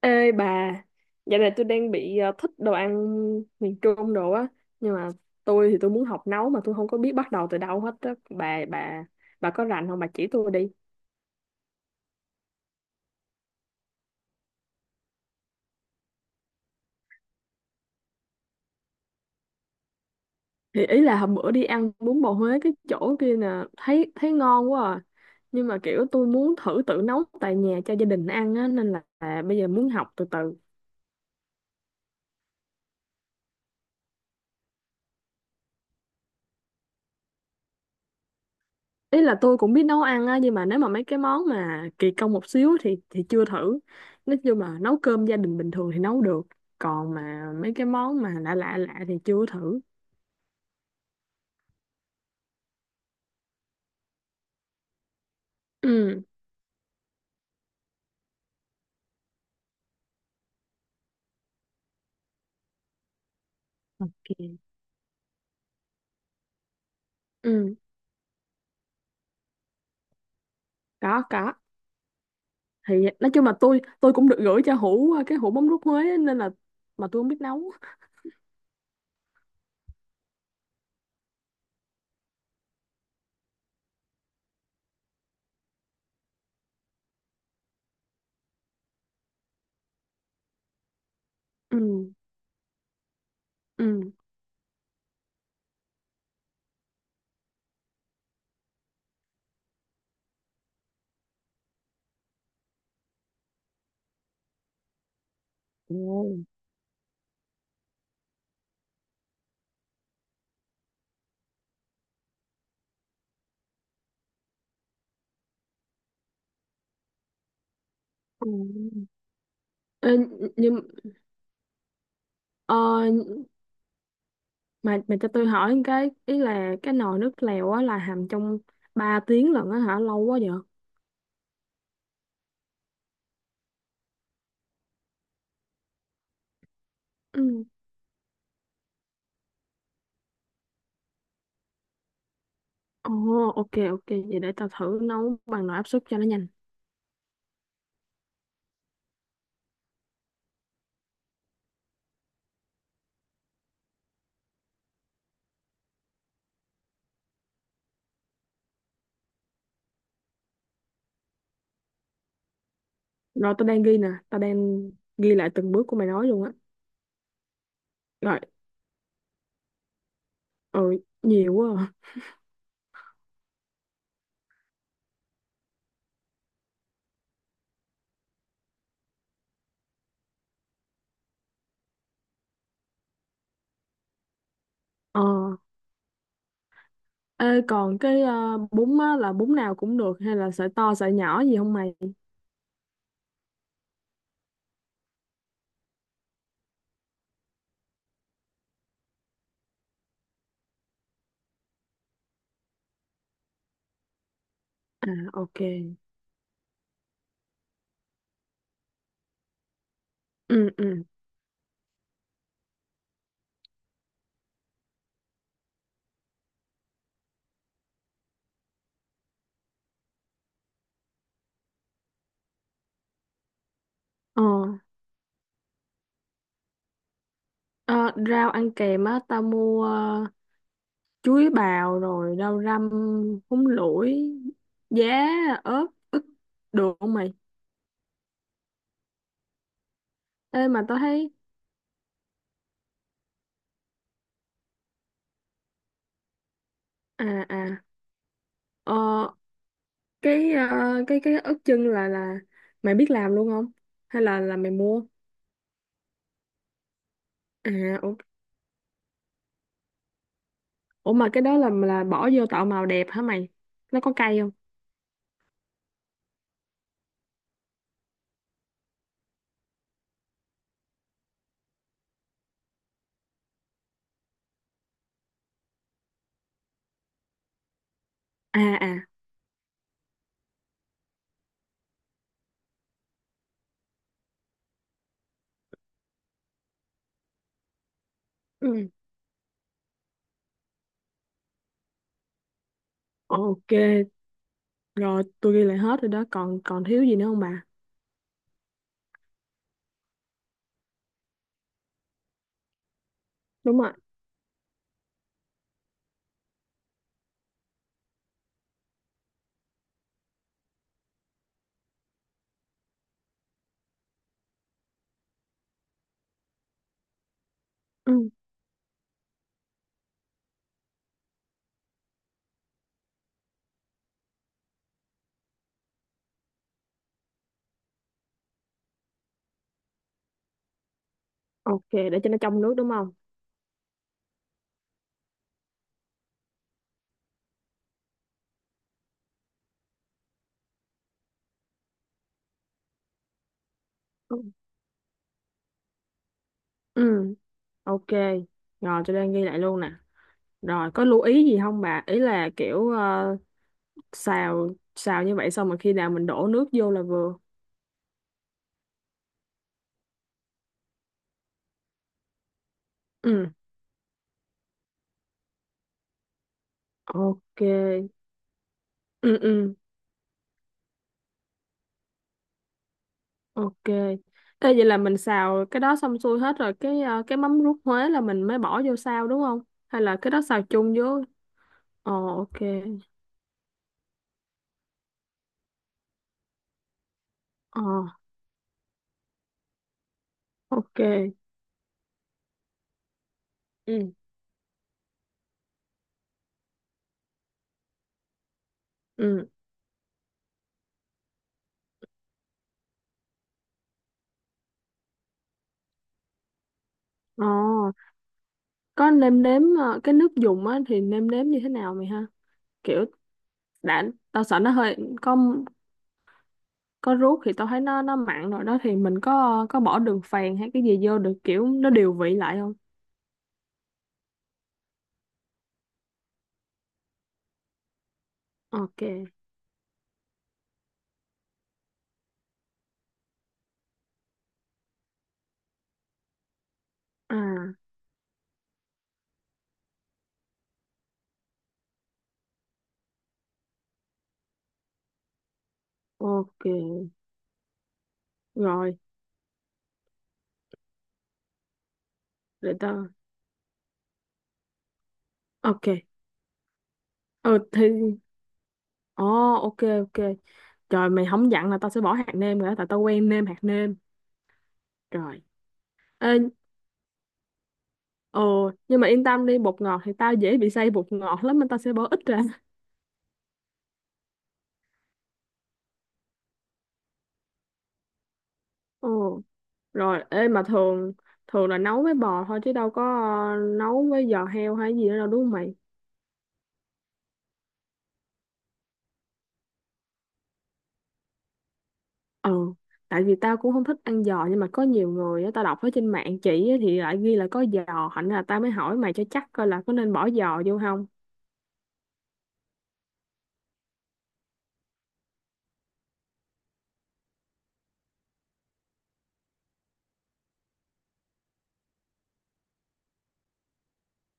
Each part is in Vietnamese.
Ê bà, dạo này tôi đang bị thích đồ ăn miền Trung đồ á, nhưng mà tôi muốn học nấu mà tôi không có biết bắt đầu từ đâu hết á. Bà có rành không, bà chỉ tôi đi. Thì ý là hôm bữa đi ăn bún bò Huế cái chỗ kia nè, thấy thấy ngon quá à. Nhưng mà kiểu tôi muốn thử tự nấu tại nhà cho gia đình ăn á nên là bây giờ muốn học từ từ. Ý là tôi cũng biết nấu ăn á, nhưng mà nếu mà mấy cái món mà kỳ công một xíu thì chưa thử. Nói chung là nấu cơm gia đình bình thường thì nấu được, còn mà mấy cái món mà lạ lạ lạ thì chưa thử. Ừ. Ok. Ừ. Có có. Thì nói chung là tôi cũng được gửi cho Hữu cái hũ mắm rút Huế á, nên là mà tôi không biết nấu. Ừ. Ừ. Ồ. Ừ. Ê, nhưng ờ, mà cho tôi hỏi một cái, ý là cái nồi nước lèo á là hầm trong 3 tiếng lận á hả, lâu quá vậy? Ừ. Ồ, ok, ok. Vậy để tao thử nấu bằng nồi áp suất cho nó nhanh. Rồi tao đang ghi nè. Tao đang ghi lại từng bước của mày nói luôn á. Rồi, ừ, nhiều quá. À. Ờ. Ê, còn cái bún á, là bún nào cũng được hay là sợi to sợi nhỏ gì không mày? À, ok. Ừ, ừ. Ờ. Ờ, rau ăn kèm á, tao mua chuối bào, rồi rau răm, húng lủi, giá, ớt, được không mày? Ê, mà tao thấy... À, à. Ờ, cái cái ớt chân là mày biết làm luôn không hay là mày mua? À ủa, ủa mà cái đó là bỏ vô tạo màu đẹp hả mày, nó có cay không? À à. Ừ. Ok, rồi tôi ghi lại hết rồi đó, còn còn thiếu gì nữa không bà? Đúng rồi. Ừ. Ok, để cho nó trong nước, đúng không? Ừ. Ừ, ok, rồi tôi đang ghi lại luôn nè, rồi có lưu ý gì không bà, ý là kiểu xào xào như vậy xong mà khi nào mình đổ nước vô là vừa? Ừ. Ok. Ừ. Ừ. Ok. Ê, vậy là mình xào cái đó xong xuôi hết rồi, cái cái mắm rút Huế là mình mới bỏ vô xào đúng không, hay là cái đó xào chung với? Ờ, ok. Ờ, ok. Ừ. Ừ. Ờ, có nêm nếm cái nước dùng á thì nêm nếm như thế nào mày ha, kiểu. Đã, tao sợ nó hơi. có có ruốc thì tao thấy nó mặn rồi đó, thì mình có bỏ đường phèn hay cái gì vô được, kiểu nó điều vị lại không? Ok. À. Ok, rồi để tao. Ok. Ừ thì. Ồ. Ok. Ok. Trời, mày không dặn là tao sẽ bỏ hạt nêm rồi đó, tại tao quen nêm hạt nêm. Trời. Ê. Ồ, nhưng mà yên tâm đi, bột ngọt thì tao dễ bị say bột ngọt lắm nên tao sẽ bỏ ít ra. Ồ. Rồi ê, mà thường thường là nấu với bò thôi chứ đâu có nấu với giò heo hay gì nữa đâu, đúng không mày? Ừ. Tại vì tao cũng không thích ăn giò, nhưng mà có nhiều người á, tao đọc ở trên mạng chỉ á, thì lại ghi là có giò, thành ra là tao mới hỏi mày cho chắc coi là có nên bỏ giò vô không.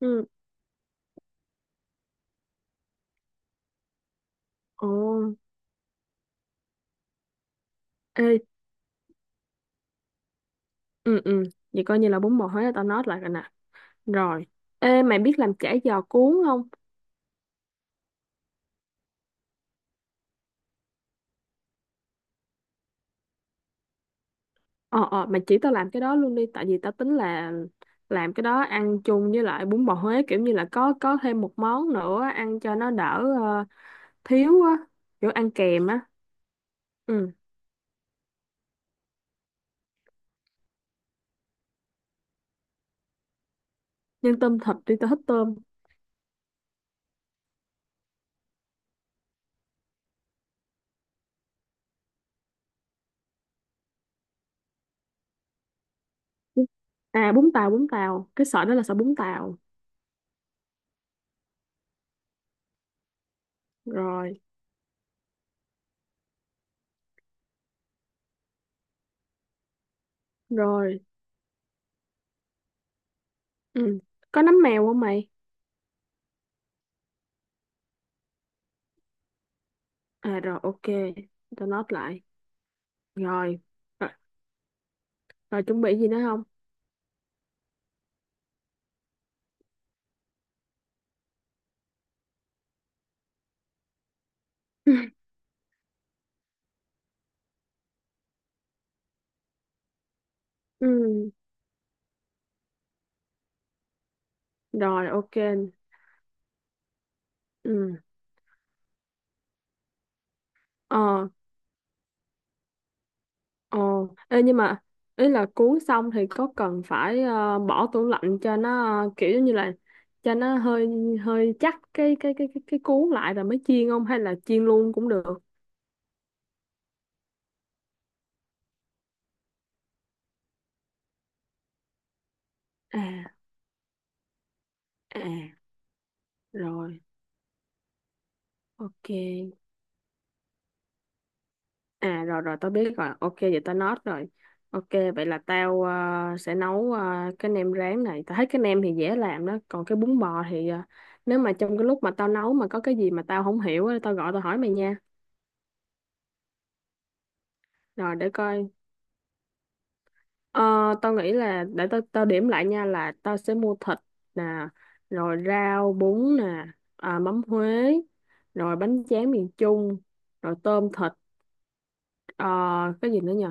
Ừ. Ồ. Ê, ừ, ừ, vậy coi như là bún bò Huế là tao nói lại rồi nè. Rồi ê, mày biết làm chả giò cuốn không? Ờ, ờ, mày chỉ tao làm cái đó luôn đi, tại vì tao tính là làm cái đó ăn chung với lại bún bò Huế, kiểu như là có thêm một món nữa ăn cho nó đỡ thiếu á, kiểu ăn kèm á. Ừ. Nhân tôm thịt đi, tao thích tôm. À, bún tàu, cái sợi đó là sợi bún tàu. Rồi. Rồi. Ừ. Có nấm mèo không mày? À rồi, ok, tao note lại rồi. Ờ. Rồi chuẩn bị gì nữa không? Ừ. Rồi ok. Ừ. Ờ, ờ. Ê, nhưng mà ý là cuốn xong thì có cần phải bỏ tủ lạnh cho nó kiểu giống như là cho nó hơi hơi chắc cái cuốn lại rồi mới chiên không, hay là chiên luôn cũng được? À, à. Rồi ok. À, rồi rồi tao biết rồi, ok vậy tao note rồi. Ok, vậy là tao sẽ nấu cái nem rán này. Tao thấy cái nem thì dễ làm đó, còn cái bún bò thì ờ, nếu mà trong cái lúc mà tao nấu mà có cái gì mà tao không hiểu á, tao gọi tao hỏi mày nha. Rồi để coi. Ờ, tao nghĩ là để tao tao điểm lại nha, là tao sẽ mua thịt nè, rồi rau bún nè, à, mắm Huế, rồi bánh tráng miền Trung, rồi tôm thịt, ờ, cái gì nữa nhỉ?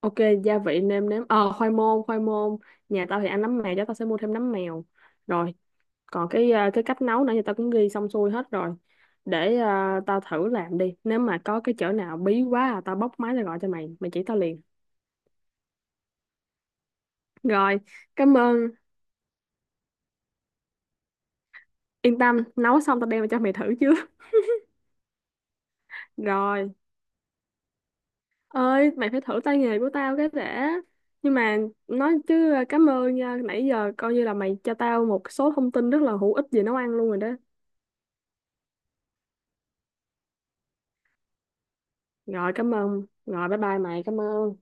Ok, gia vị nêm nếm. Ờ, khoai môn, khoai môn. Nhà tao thì ăn nấm mèo, cho tao sẽ mua thêm nấm mèo. Rồi, còn cái à, cái cách nấu nãy giờ tao cũng ghi xong xuôi hết rồi. Để à, tao thử làm đi. Nếu mà có cái chỗ nào bí quá à, tao bóc máy ra gọi cho mày, mày chỉ tao liền. Rồi, cảm ơn. Yên tâm, nấu xong tao đem về cho mày thử chứ. Rồi, ơi, mày phải thử tay nghề của tao cái đã. Nhưng mà nói chứ à, cảm ơn nha, nãy giờ coi như là mày cho tao một số thông tin rất là hữu ích về nấu ăn luôn rồi đó. Rồi cảm ơn. Rồi bye bye mày, cảm ơn.